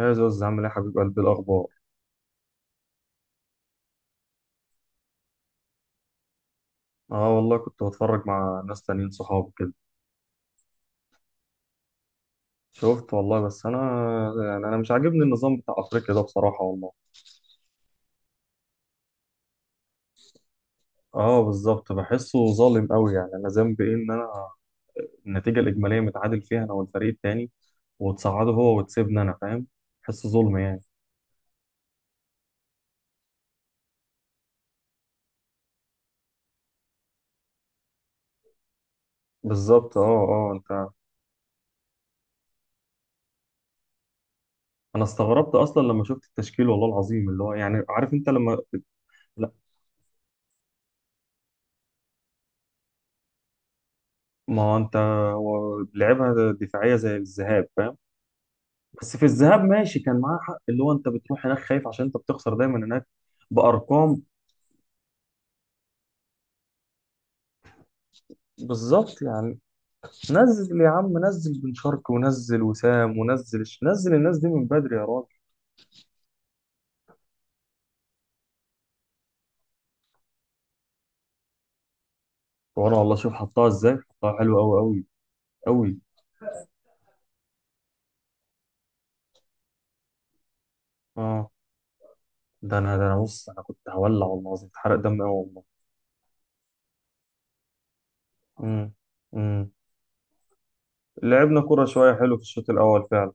يا زوز عامل ايه يا حبيب قلبي الاخبار؟ اه والله كنت بتفرج مع ناس تانيين صحابي كده. شفت والله بس انا، انا مش عاجبني النظام بتاع افريقيا ده بصراحه والله. اه بالظبط، بحسه ظالم قوي، انا ذنبي ايه؟ ان انا النتيجه الاجماليه متعادل فيها انا والفريق التاني، وتصعده هو وتسيبني انا، فاهم؟ بحسه ظلم يعني. بالظبط، اه انت. انا استغربت اصلا لما شفت التشكيل والله العظيم، اللي هو يعني عارف انت لما. لا، ما هو انت، هو لعبها دفاعيه زي الذهاب فاهم. بس في الذهاب ماشي كان معاه حق، اللي هو انت بتروح هناك خايف عشان انت بتخسر دايما هناك. بارقام، بالظبط يعني. نزل يا عم، نزل بن شرقي، ونزل وسام، ونزل نزل الناس دي من بدري يا راجل. وانا والله شوف حطها ازاي، حطها حلو قوي قوي قوي. اه، ده انا بص، انا كنت هولع والله العظيم، اتحرق دمي قوي والله. امم امم لعبنا كرة شوية حلو في الشوط الاول فعلا.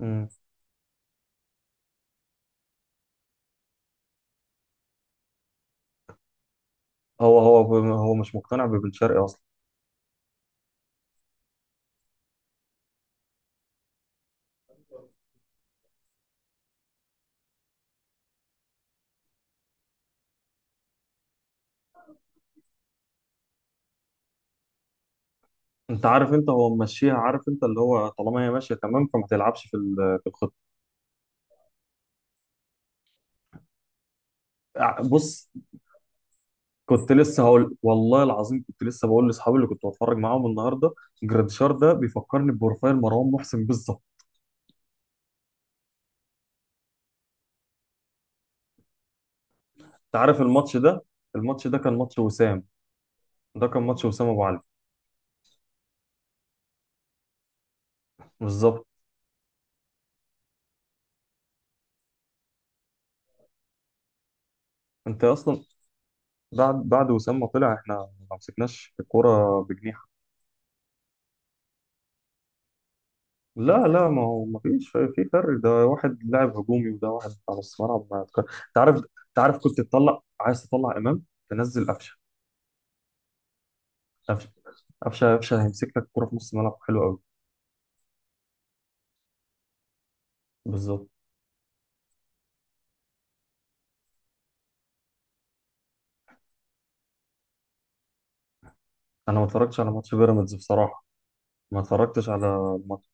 امم هو هو هو مش مقتنع ببن شرقي. انت عارف انت هو ممشيها، عارف انت اللي هو طالما هي ماشيه تمام فما تلعبش في في الخطه. بص، كنت لسه هقول والله العظيم، كنت لسه بقول لاصحابي اللي كنت بتفرج معاهم النهارده، جراديشار ده بيفكرني ببروفايل مروان محسن بالظبط. انت عارف الماتش ده، الماتش ده كان ماتش وسام، ده كان ماتش وسام ابو علي. بالظبط. انت اصلا بعد وسام ما طلع، احنا ما مسكناش الكوره بجنيه. لا لا، ما هو ما فيش في فرق، ده واحد لاعب هجومي وده واحد على نص ملعب، ما تك- تعرف، تعرف كنت تطلع، عايز تطلع امام، تنزل قفشه، قفشه، قفشه. قفشه هيمسك لك الكوره في نص الملعب حلو قوي. بالظبط. انا ما اتفرجتش على ماتش بيراميدز بصراحه، ما اتفرجتش على الماتش.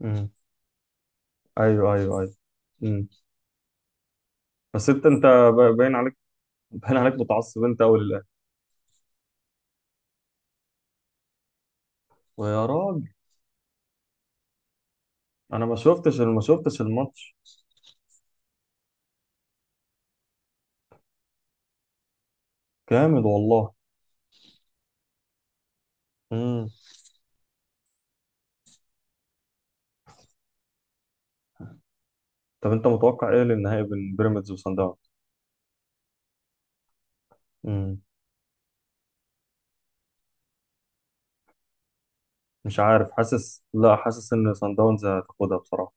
امم. ايوه ايوه ايوه. امم. بس انت، انت باين عليك، باين عليك متعصب انت قوي للاهلي. ويا راجل، انا ما شفتش، ما شفتش الماتش كامل والله. امم. طب انت متوقع ايه للنهائي بين بيراميدز وصن داونز؟ مش عارف، حاسس، لا، حاسس ان سان داونز هتاخدها بصراحه.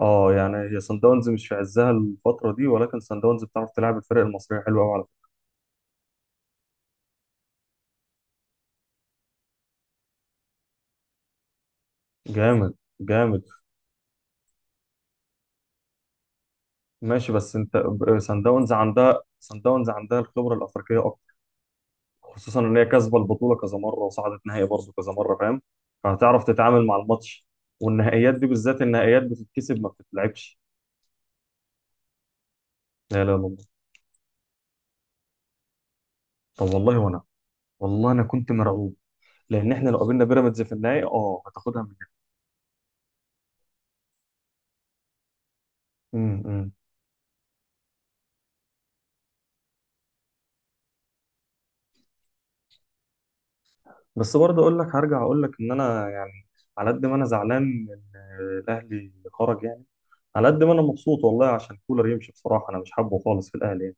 اه يعني هي سان داونز مش في عزها الفتره دي، ولكن سان داونز بتعرف تلعب الفرق المصريه حلوه قوي. على فكره، جامد جامد. ماشي، بس انت سان داونز عندها، سان داونز عندها الخبره الافريقيه اكتر، خصوصا ان هي كاسبه البطوله كذا مره وصعدت نهائي برضه كذا مره، فاهم؟ فهتعرف تتعامل مع الماتش، والنهائيات دي بالذات النهائيات بتتكسب ما بتتلعبش. لا لا لا، طب والله وانا، والله انا كنت مرعوب. لان احنا لو قابلنا بيراميدز في النهائي، اه، هتاخدها مننا. بس برضه اقول لك، هرجع اقول لك ان انا يعني على قد ما انا زعلان ان الاهلي خرج يعني، على قد ما انا مبسوط والله عشان كولر يمشي. بصراحه انا مش حابه خالص في الاهلي يعني.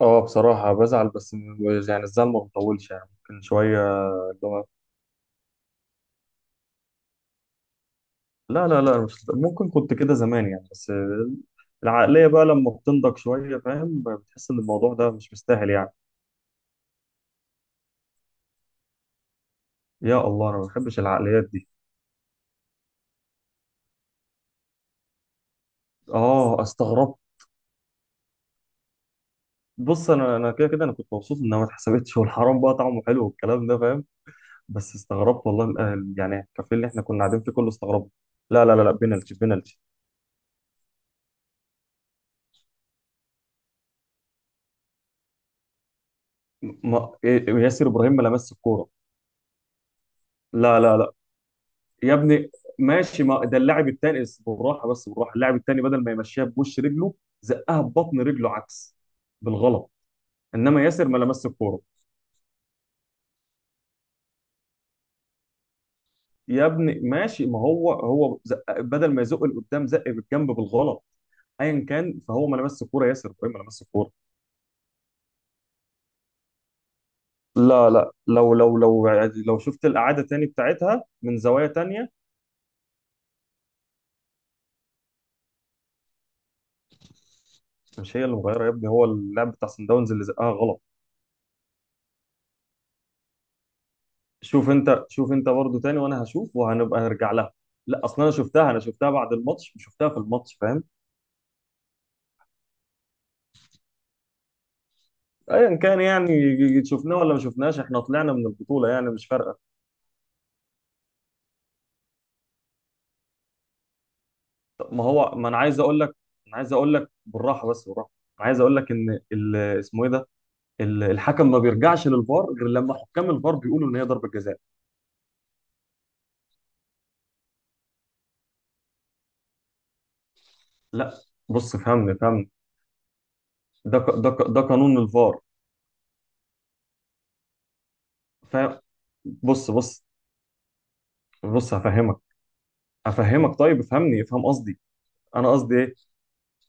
اه بصراحه بزعل، بس يعني الزعل ما بيطولش يعني، ممكن شويه. اللي هو لا لا لا، مش ممكن، كنت كده زمان يعني. بس العقليه بقى لما بتنضج شويه فاهم، بتحس ان الموضوع ده مش مستاهل يعني. يا الله، انا ما بحبش العقليات دي. اه استغربت. بص انا، كده كده انا كنت مبسوط انها ما اتحسبتش، والحرام بقى طعمه حلو والكلام ده فاهم. بس استغربت والله الأهل يعني، الكافيه اللي احنا كنا قاعدين فيه كله استغربنا. لا لا لا لا، بينالتي بينالتي. ما إيه، ياسر ابراهيم ما لمس الكوره. لا لا لا يا ابني، ماشي، ما ده اللاعب الثاني بالراحه، بس بالراحه، اللاعب الثاني بدل ما يمشيها بوش رجله زقها ببطن رجله عكس بالغلط. انما ياسر ما لمس الكوره يا ابني. ماشي ما هو هو زق بدل ما يزق لقدام، زق بالجنب بالغلط. ايا كان، فهو ما لمس الكوره، ياسر ابراهيم ما لمس الكوره. لا لا، لو يعني لو شفت الإعادة تاني بتاعتها من زوايا تانية. مش هي اللي مغيرة يا ابني، هو اللاعب بتاع سان داونز اللي زقها غلط. شوف انت، شوف انت برضو تاني، وانا هشوف، وهنبقى نرجع لها. لا اصلا انا شفتها، انا شفتها بعد الماتش مش شفتها في الماتش فاهم. ايا كان يعني، شفناه ولا ما شفناش، احنا طلعنا من البطولة يعني مش فارقة. طب ما هو، ما انا عايز اقول لك، انا عايز اقول لك بالراحة، بس بالراحة. أنا عايز اقول لك ان اسمه ايه ده، الحكم ما بيرجعش للفار غير لما حكام الفار بيقولوا ان هي ضربة جزاء. لا، بص فهمني، فهمني. ده قانون الفار. ف بص بص بص، هفهمك، هفهمك. طيب افهمني، افهم قصدي. انا قصدي ايه؟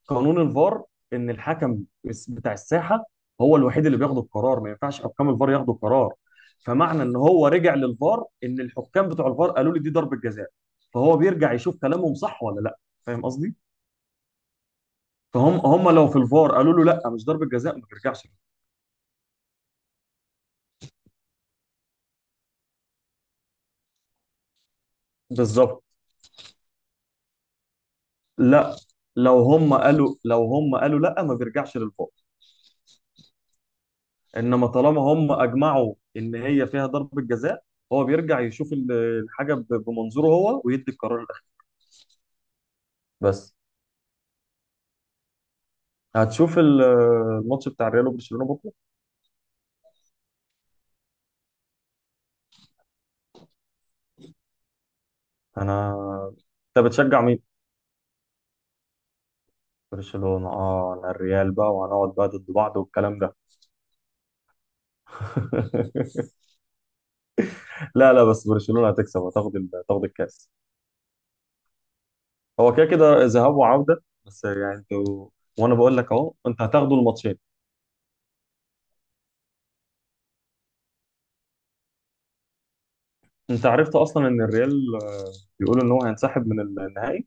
قانون الفار ان الحكم بتاع الساحه هو الوحيد اللي بياخد القرار، ما ينفعش حكام الفار ياخدوا القرار. فمعنى ان هو رجع للفار ان الحكام بتوع الفار قالوا لي دي ضربه جزاء، فهو بيرجع يشوف كلامهم صح ولا لا، فاهم قصدي؟ فهم هم لو في الفار قالوا له لا مش ضربه جزاء ما بيرجعش. بالظبط. لا لو هم قالوا، لو هم قالوا لا ما بيرجعش للفار. انما طالما هم اجمعوا ان هي فيها ضربه جزاء، هو بيرجع يشوف الحاجه بمنظوره هو ويدي القرار الاخير. بس. هتشوف الماتش بتاع الريال وبرشلونه بكره. انا، انت بتشجع مين؟ برشلونه، اه، انا الريال بقى وهنقعد بقى ضد بعض والكلام ده. لا لا، بس برشلونه هتكسب، هتاخد هتاخد الكاس. هو كده كده ذهاب وعوده بس يعني انتوا. وانا بقول لك اهو، انت هتاخدوا الماتشين. انت عرفت اصلا ان الريال، بيقولوا ان هو هينسحب من النهائي.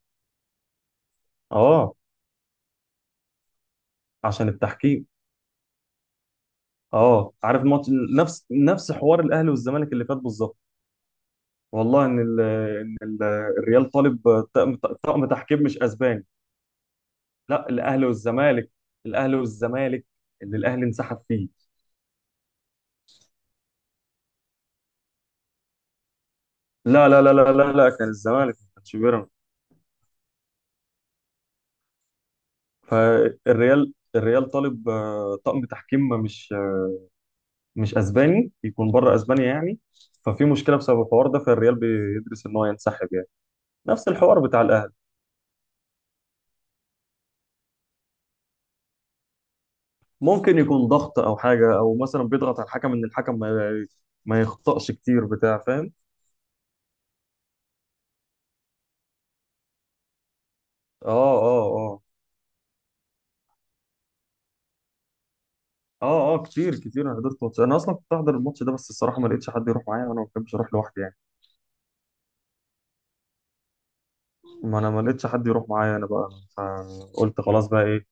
اه عشان التحكيم. اه، عارف ماتش، نفس حوار الاهلي والزمالك اللي فات بالظبط. والله ان ال ان ال الريال طالب طقم تحكيم مش اسباني. لا، الاهلي والزمالك، الاهلي والزمالك اللي الاهلي انسحب فيه. لا لا لا لا لا لا، كان الزمالك ما كانش بيراميدز. فالريال، الريال طالب، طقم تحكيم مش، مش اسباني، يكون بره اسبانيا يعني. ففي مشكله بسبب الحوار ده، فالريال بيدرس ان هو ينسحب يعني. نفس الحوار بتاع الاهلي. ممكن يكون ضغط او حاجه، او مثلا بيضغط على الحكم ان الحكم ما يخطأش كتير بتاع فاهم. اه اه اه اه كتير كتير. انا حضرت ماتش، انا اصلا كنت احضر الماتش ده، بس الصراحه ما لقيتش حد يروح معايا، وانا ما بحبش اروح لوحدي يعني. ما انا ما لقيتش حد يروح معايا انا بقى، فقلت خلاص بقى ايه،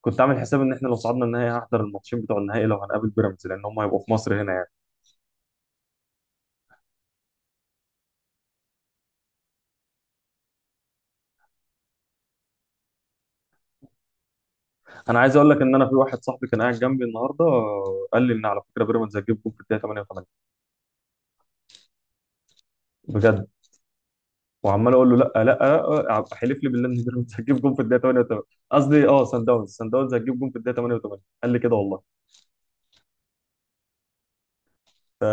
كنت عامل حساب ان احنا لو صعدنا النهائي هحضر الماتشين بتوع النهائي، لو هنقابل بيراميدز لان هم هيبقوا في مصر هنا يعني. انا عايز اقول لك ان انا، في واحد صاحبي كان قاعد جنبي النهارده قال لي ان على فكره بيراميدز هتجيب جول في الدقيقه 88. بجد؟ وعمال اقول له لا لا، حلف لي بالله ان بيراميدز هتجيب جون في الدقيقه 88. قصدي اه سان داونز، سان داونز هتجيب جون في الدقيقه 88 قال لي كده والله. ف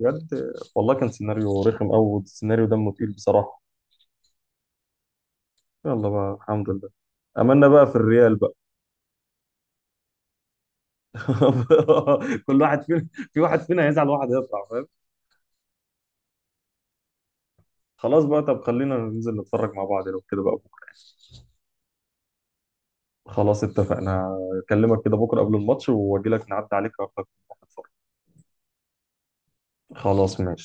بجد والله، كان سيناريو رخم قوي، السيناريو دمه تقيل بصراحه. يلا بقى، الحمد لله، املنا بقى في الريال بقى. كل واحد فينا، في واحد فينا هيزعل، واحد هيفرح فاهم. خلاص بقى، طب خلينا ننزل نتفرج مع بعض لو كده بقى بكره. خلاص اتفقنا. اكلمك كده بكره قبل الماتش، واجي لك نعدي عليك اخدك، نتفرج. خلاص ماشي.